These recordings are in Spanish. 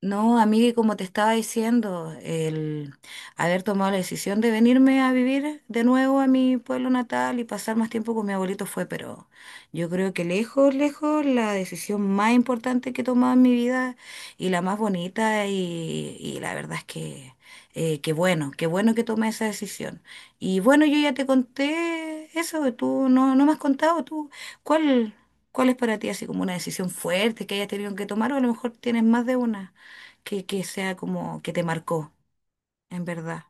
No, amiga, y como te estaba diciendo, el haber tomado la decisión de venirme a vivir de nuevo a mi pueblo natal y pasar más tiempo con mi abuelito fue, pero yo creo que lejos, lejos, la decisión más importante que he tomado en mi vida y la más bonita y la verdad es que qué bueno que tomé esa decisión. Y bueno, yo ya te conté eso, tú no me has contado, tú, ¿cuál, ¿cuál es para ti así como una decisión fuerte que hayas tenido que tomar o a lo mejor tienes más de una? Que sea como que te marcó, en verdad.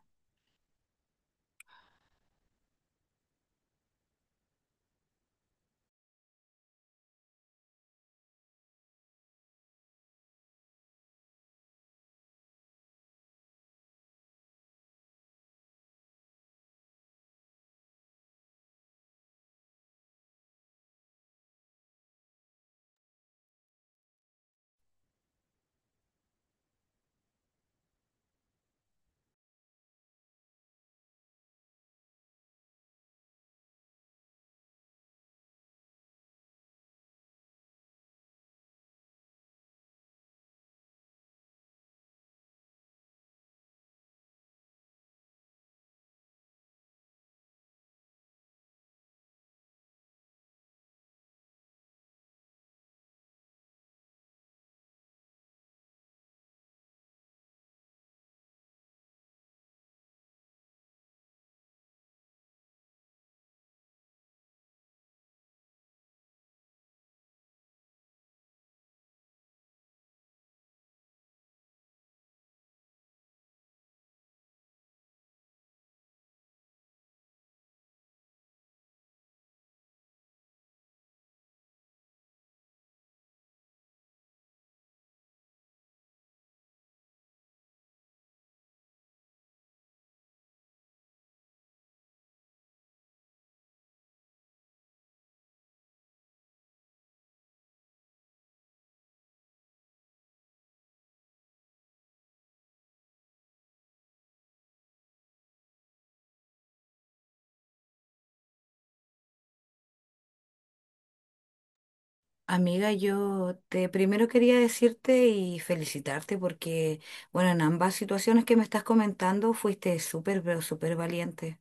Amiga, yo te primero quería decirte y felicitarte porque, bueno, en ambas situaciones que me estás comentando fuiste súper, pero súper valiente,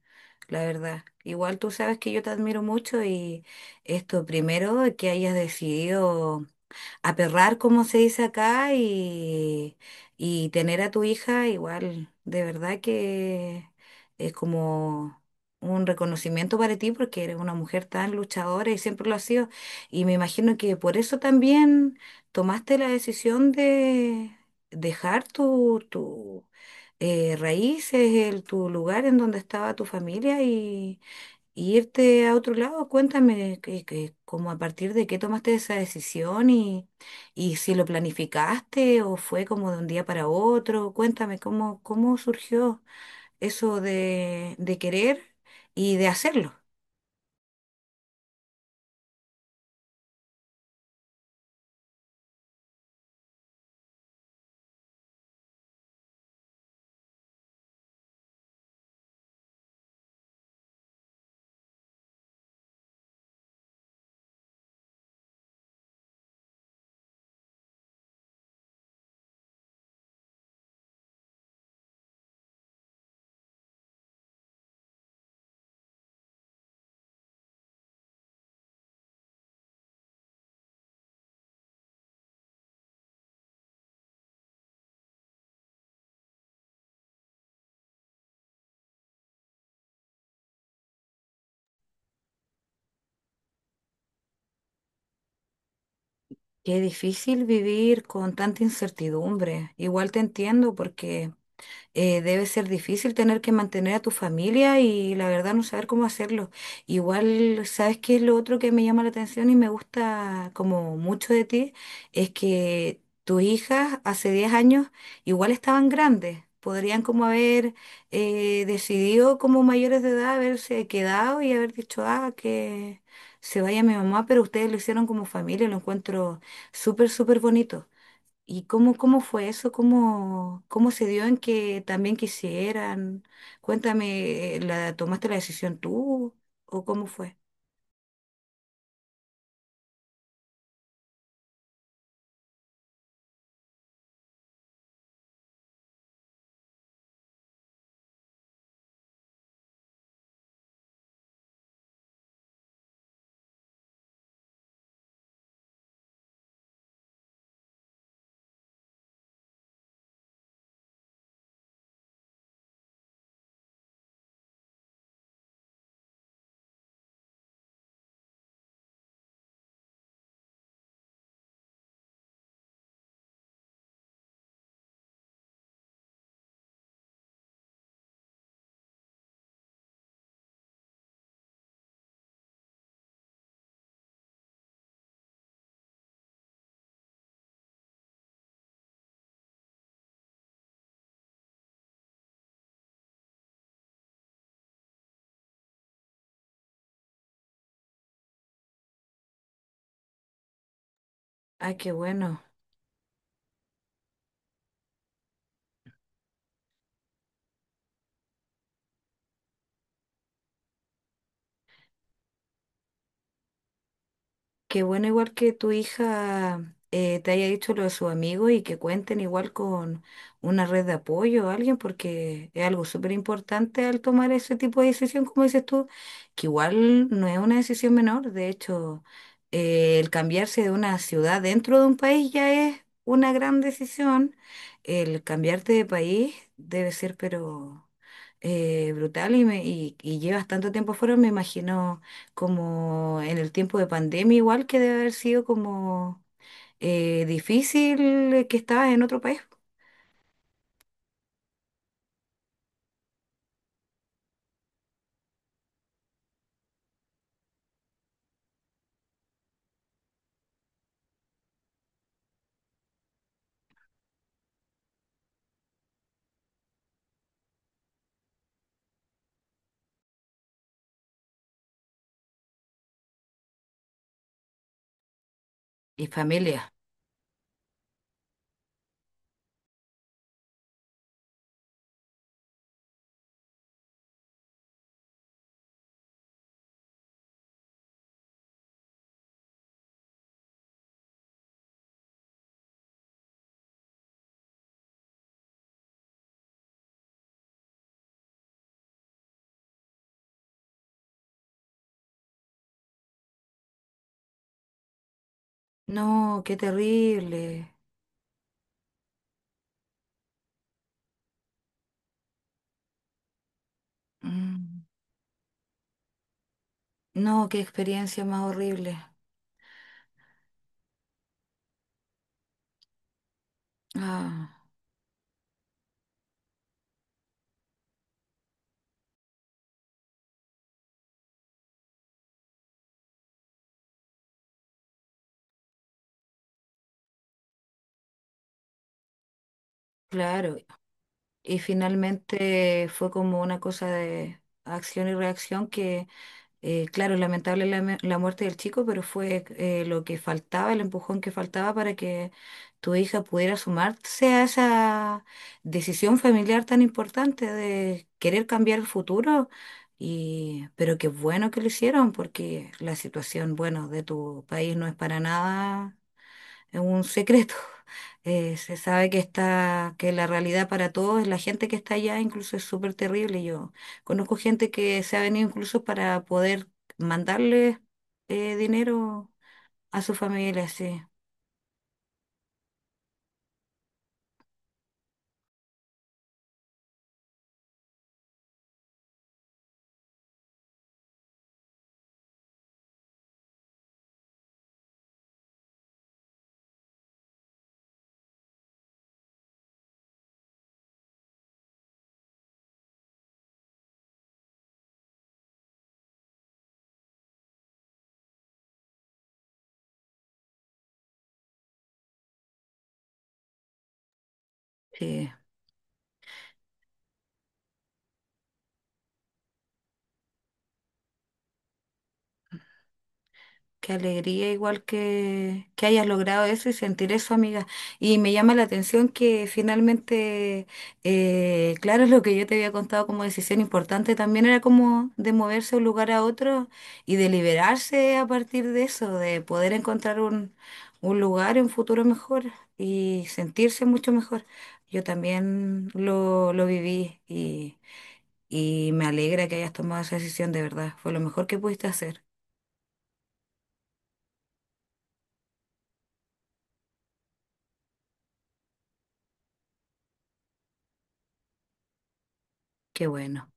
la verdad. Igual tú sabes que yo te admiro mucho y esto primero que hayas decidido aperrar, como se dice acá, y tener a tu hija igual, de verdad que es como un reconocimiento para ti porque eres una mujer tan luchadora y siempre lo has sido. Y me imagino que por eso también tomaste la decisión de dejar tu, raíces, el, tu lugar en donde estaba tu familia y irte a otro lado, cuéntame como a partir de qué tomaste esa decisión, y si lo planificaste o fue como de un día para otro, cuéntame cómo, cómo surgió eso de querer y de hacerlo. Qué difícil vivir con tanta incertidumbre. Igual te entiendo porque debe ser difícil tener que mantener a tu familia y la verdad no saber cómo hacerlo. Igual, ¿sabes qué es lo otro que me llama la atención y me gusta como mucho de ti? Es que tus hijas hace 10 años igual estaban grandes. Podrían como haber decidido como mayores de edad haberse quedado y haber dicho, ah, que se vaya mi mamá, pero ustedes lo hicieron como familia, lo encuentro súper, súper bonito. ¿Y cómo, cómo fue eso? ¿Cómo, cómo se dio en que también quisieran? Cuéntame, ¿la tomaste la decisión tú o cómo fue? Ay, qué bueno. Qué bueno igual que tu hija te haya dicho lo de sus amigos y que cuenten igual con una red de apoyo o alguien, porque es algo súper importante al tomar ese tipo de decisión, como dices tú, que igual no es una decisión menor. De hecho, el cambiarse de una ciudad dentro de un país ya es una gran decisión. El cambiarte de país debe ser, pero brutal y, y llevas tanto tiempo fuera, me imagino como en el tiempo de pandemia, igual que debe haber sido como difícil, que estabas en otro país y familia. No, qué terrible. Mm. No, qué experiencia más horrible. Ah, claro. Y finalmente fue como una cosa de acción y reacción que... claro, lamentable la muerte del chico, pero fue, lo que faltaba, el empujón que faltaba para que tu hija pudiera sumarse a esa decisión familiar tan importante de querer cambiar el futuro. Y pero qué bueno que lo hicieron, porque la situación, bueno, de tu país no es para nada es un secreto. Se sabe que está, que la realidad para todos, la gente que está allá incluso es súper terrible. Yo conozco gente que se ha venido incluso para poder mandarle dinero a su familia, sí. Sí. Qué alegría igual que hayas logrado eso y sentir eso, amiga. Y me llama la atención que finalmente, claro, lo que yo te había contado como decisión importante también era como de moverse de un lugar a otro y de liberarse a partir de eso, de poder encontrar un lugar, un futuro mejor y sentirse mucho mejor. Yo también lo viví y me alegra que hayas tomado esa decisión, de verdad. Fue lo mejor que pudiste hacer. Qué bueno.